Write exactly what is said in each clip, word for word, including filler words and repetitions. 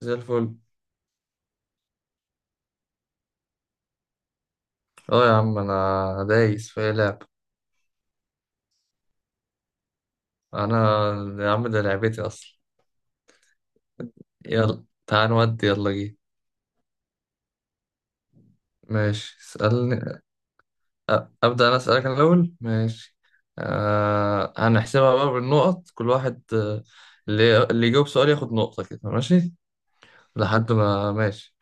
زي الفل. اه يا عم انا دايس في أي لعب. انا يا عم ده لعبتي اصلا. يلا تعال نودي يلا جي. ماشي اسألني. أ- ابدأ انا اسألك أنا الاول ماشي. آه هنحسبها بقى بالنقط كل واحد، آه، اللي اللي يجاوب سؤال ياخد نقطة كده ماشي. لحد ما ماشي.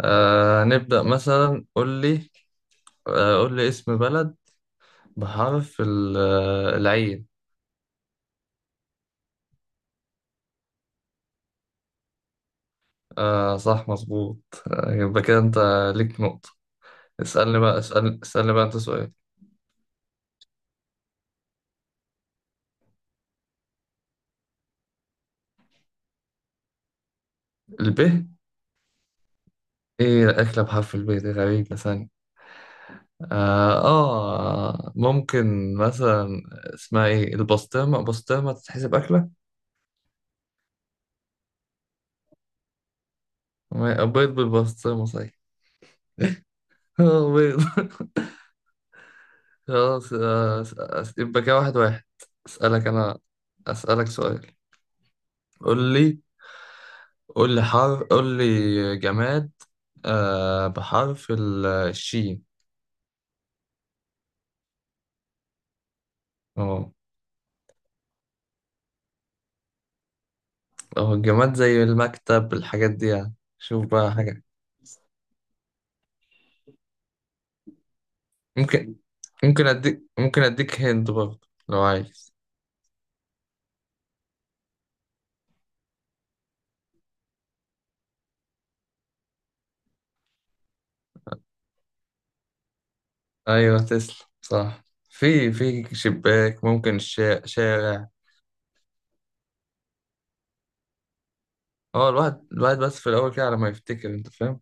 آه نبدأ مثلا قول لي، آه قول لي اسم بلد بحرف ال- آه، العين. آه صح مظبوط. آه، يبقى كده انت ليك نقطة. اسألني بقى، اسألني اسألني بقى انت سؤال. الب؟ ايه أكلة بحرف الب دي غريبة ثانية. آه, اه ممكن مثلا اسمها ايه البسطرمة، بسطرمة تتحسب أكلة. ما- بيض بالبسطرمة صحيح. آه، بيض. خلاص آه، أس- أس- يبقى كده واحد واحد. اسألك انا، اسألك سؤال. قول لي، قول لي حرف، قول لي جماد آه بحرف ال- الشين. اه اهو الجماد زي المكتب الحاجات دي يعني، شوف بقى حاجة. ممكن ممكن اديك ممكن اديك هند برضه لو عايز. ايوه تسلم صح. في في شباك، ممكن الشا- شارع. اه الواحد الواحد بس في الاول كده على ما يفتكر انت فاهم.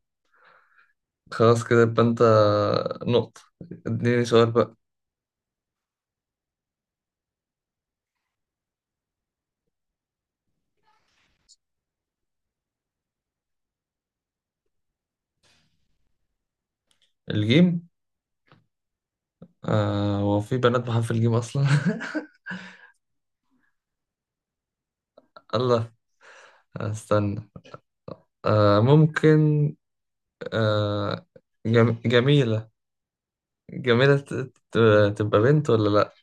خلاص كده يبقى انت نقطة. اديني سؤال بقى. الجيم؟ آه هو في بنات بحرف الجيم اصلا؟ الله، استنى. آه ممكن، آه جم... جميلة، جميلة ت... ت... تبقى بنت ولا لا؟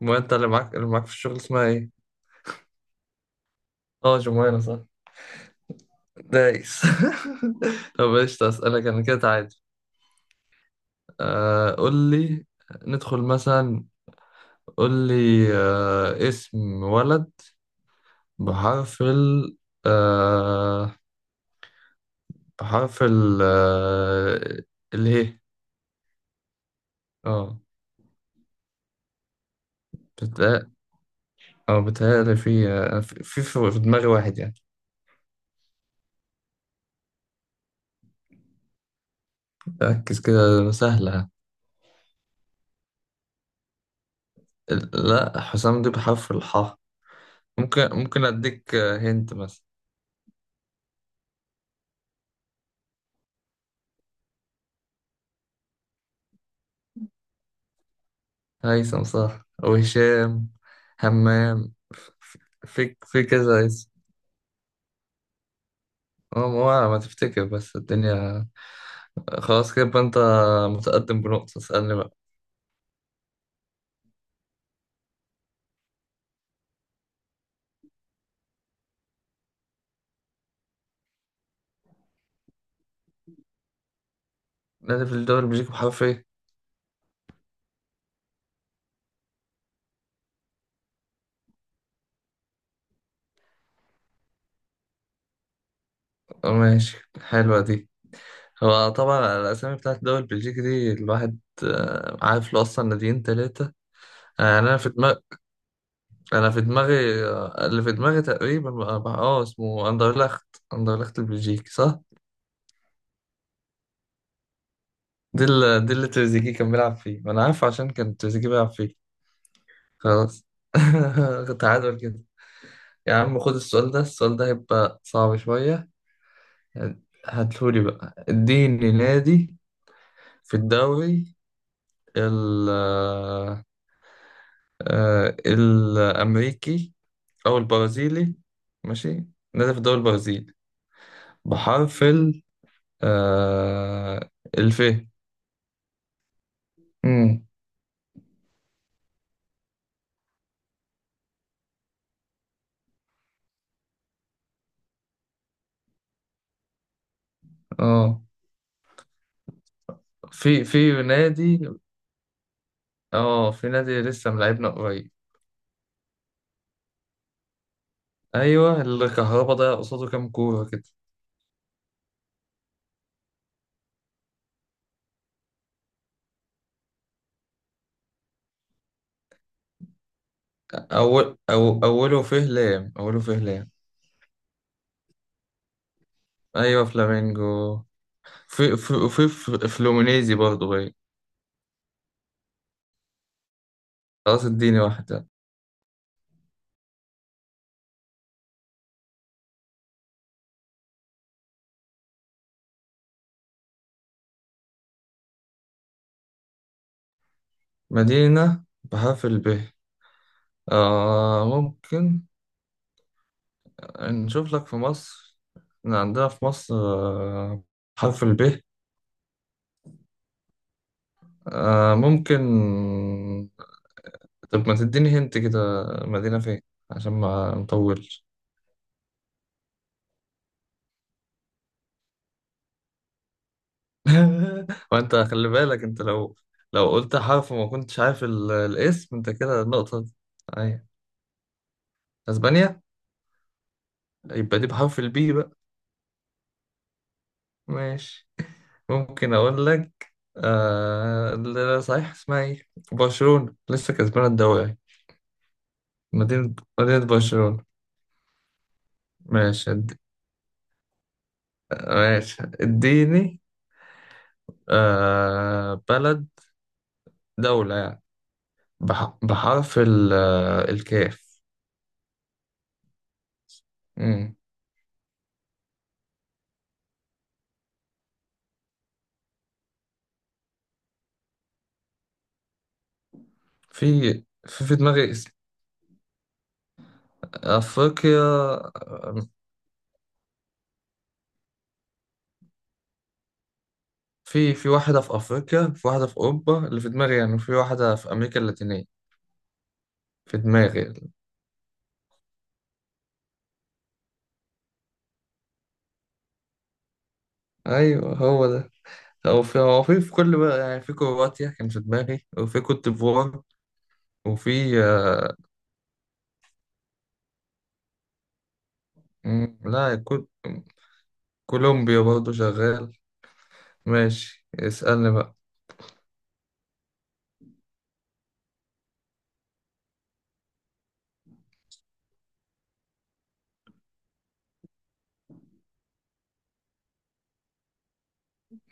ما انت اللي معاك، اللي معاك في الشغل اسمها ايه؟ اه جمانة صح. دايس. طب ايش اسالك انا كده عادي. آه قول لي، ندخل مثلا، قول لي آه اسم ولد بحرف ال آه بحرف ال آه اللي هي. اه بتقل. اه بتهيألي في آه، في في في دماغي واحد يعني. ركز كده سهلة. لا حسام دي بحرف الحاء. ممكن ممكن اديك هنت مثلا. هيثم صح، وهشام، همام، ف- ف- في في كذا اسم. هو هو ما تفتكر بس الدنيا. خلاص كده يبقى انت متقدم بنقطة. اسألني بقى. نادي في الدوري البلجيكي بحرف ايه؟ اه ماشي حلوة دي. هو طبعا الأسامي بتاعت الدوري البلجيكي دي الواحد آه، عارف له أصلا ناديين تلاتة. آه، يعني أنا في دماغي أنا في دماغي، آه، اللي في دماغي تقريبا اه آه، اسمه أندرلخت. أندرلخت البلجيكي صح؟ دي اللي دي اللي تريزيجيه كان بيلعب فيه، ما انا عارف عشان كان تريزيجيه بيلعب فيه. خلاص. تعادل كده. يا عم خد السؤال ده، السؤال ده هيبقى صعب شوية يعني. هاتهولي بقى، اديني نادي في الدوري ال آه، الأمريكي أو البرازيلي. ماشي. نادي في الدوري البرازيلي بحرف ال آه، الف. امم اه في في نادي. اه في نادي لسه ملاعبنا قريب. ايوه الكهرباء ده قصاده كام كوره كده. اول أو اوله فيه لام، اوله فيه لام. ايوه فلامينجو. في في في في- فلومينيزي برضه باين. خلاص اديني واحده. مدينه بحرف الب؟ آه ممكن نشوف لك في مصر. إحنا عندنا في مصر آه، حرف الب. آه ممكن، طب ما تديني هنت كده مدينه فين عشان ما نطولش. وانت خلي بالك انت لو، لو قلت حرف وما كنتش عارف ال- الاسم انت كده النقطة دي. ايوه اسبانيا. يبقى دي بحرف البي بقى. ماشي. ممكن اقول لك آه... لا، صحيح اسمها ايه برشلونة لسه كسبانة الدوري. مدينة، مدينة برشلونة. ماشي أد... ماشي اديني آه... بلد، دولة يعني، بح... بحرف ال... الكاف. مم. في في في دماغي اسم، أفريقيا. في في واحدة في أفريقيا، في واحدة في أوروبا اللي في دماغي يعني، في واحدة في أمريكا اللاتينية في دماغي. أيوه هو ده. هو في هو في في كل بقى يعني، في كرواتيا كان في دماغي، وفي كوت ديفوار، وفي آه، مم، لا كوت، كولومبيا برضه شغال. ماشي اسألني بقى.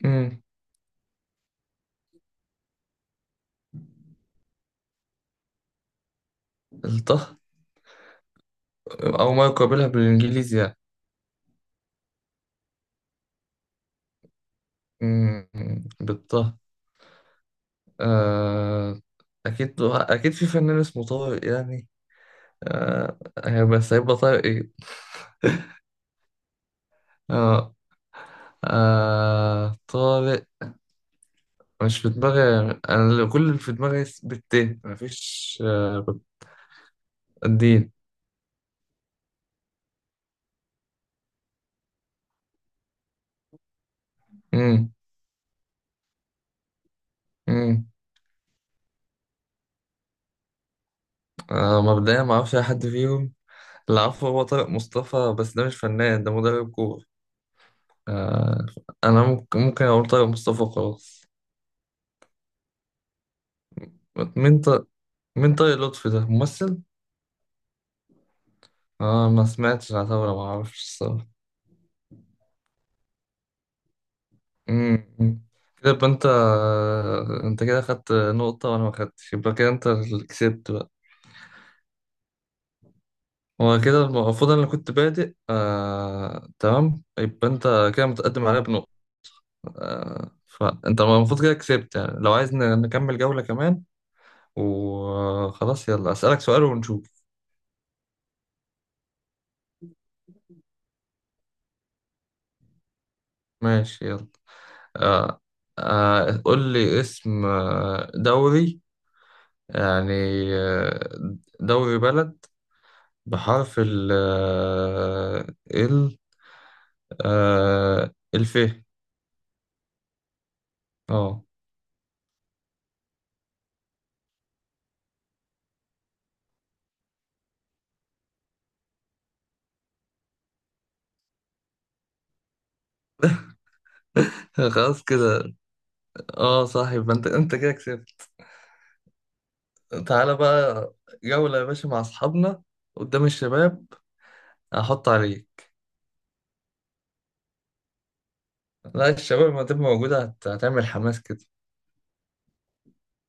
مم. الطه؟ أو ما يقابلها بالإنجليزي يعني. مم. بالطه. آه. أكيد أكيد في فنان اسمه طارق يعني. آه. بس هيبقى طارق إيه؟ آه، آه طارق مش في دماغي. انا اللي- كل اللي في دماغي اس- بالتاء مفيش آه الدين. امم، امم. آه مبدئيا ما اعرفش اي حد فيهم. اللي اعرفه هو طارق مصطفى بس ده مش فنان ده مدرب كورة. آه انا ممكن، ممكن اقول طارق مصطفى خلاص. مين طارق، مين طارق لطفي ده ممثل؟ اه ما سمعتش عن طارق، ما اعرفش الصراحة. امم أمم. كده يبقى انت آه، انت كده خدت نقطة وانا ما خدتش، يبقى كده انت اللي كسبت. هو كده المفروض انا اللي كنت بادئ آه، تمام، يبقى انت كده متقدم عليا بنقطة. آه، فانت المفروض كده كسبت يعني. لو عايز ن- نكمل جولة كمان وخلاص يلا، اسألك سؤال ونشوف. ماشي يلا. آه، آه، قول لي اسم آه، دوري يعني، آه، دوري بلد بحرف ال آه، ال آه، الف. اه. خلاص كده. اه صح، يبقى انت انت كده كسبت. تعالى بقى جولة يا باشا مع أصحابنا قدام الشباب. هحط عليك. لا الشباب ما تبقى موجودة هت- هتعمل حماس كده.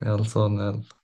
يلا صون يلا.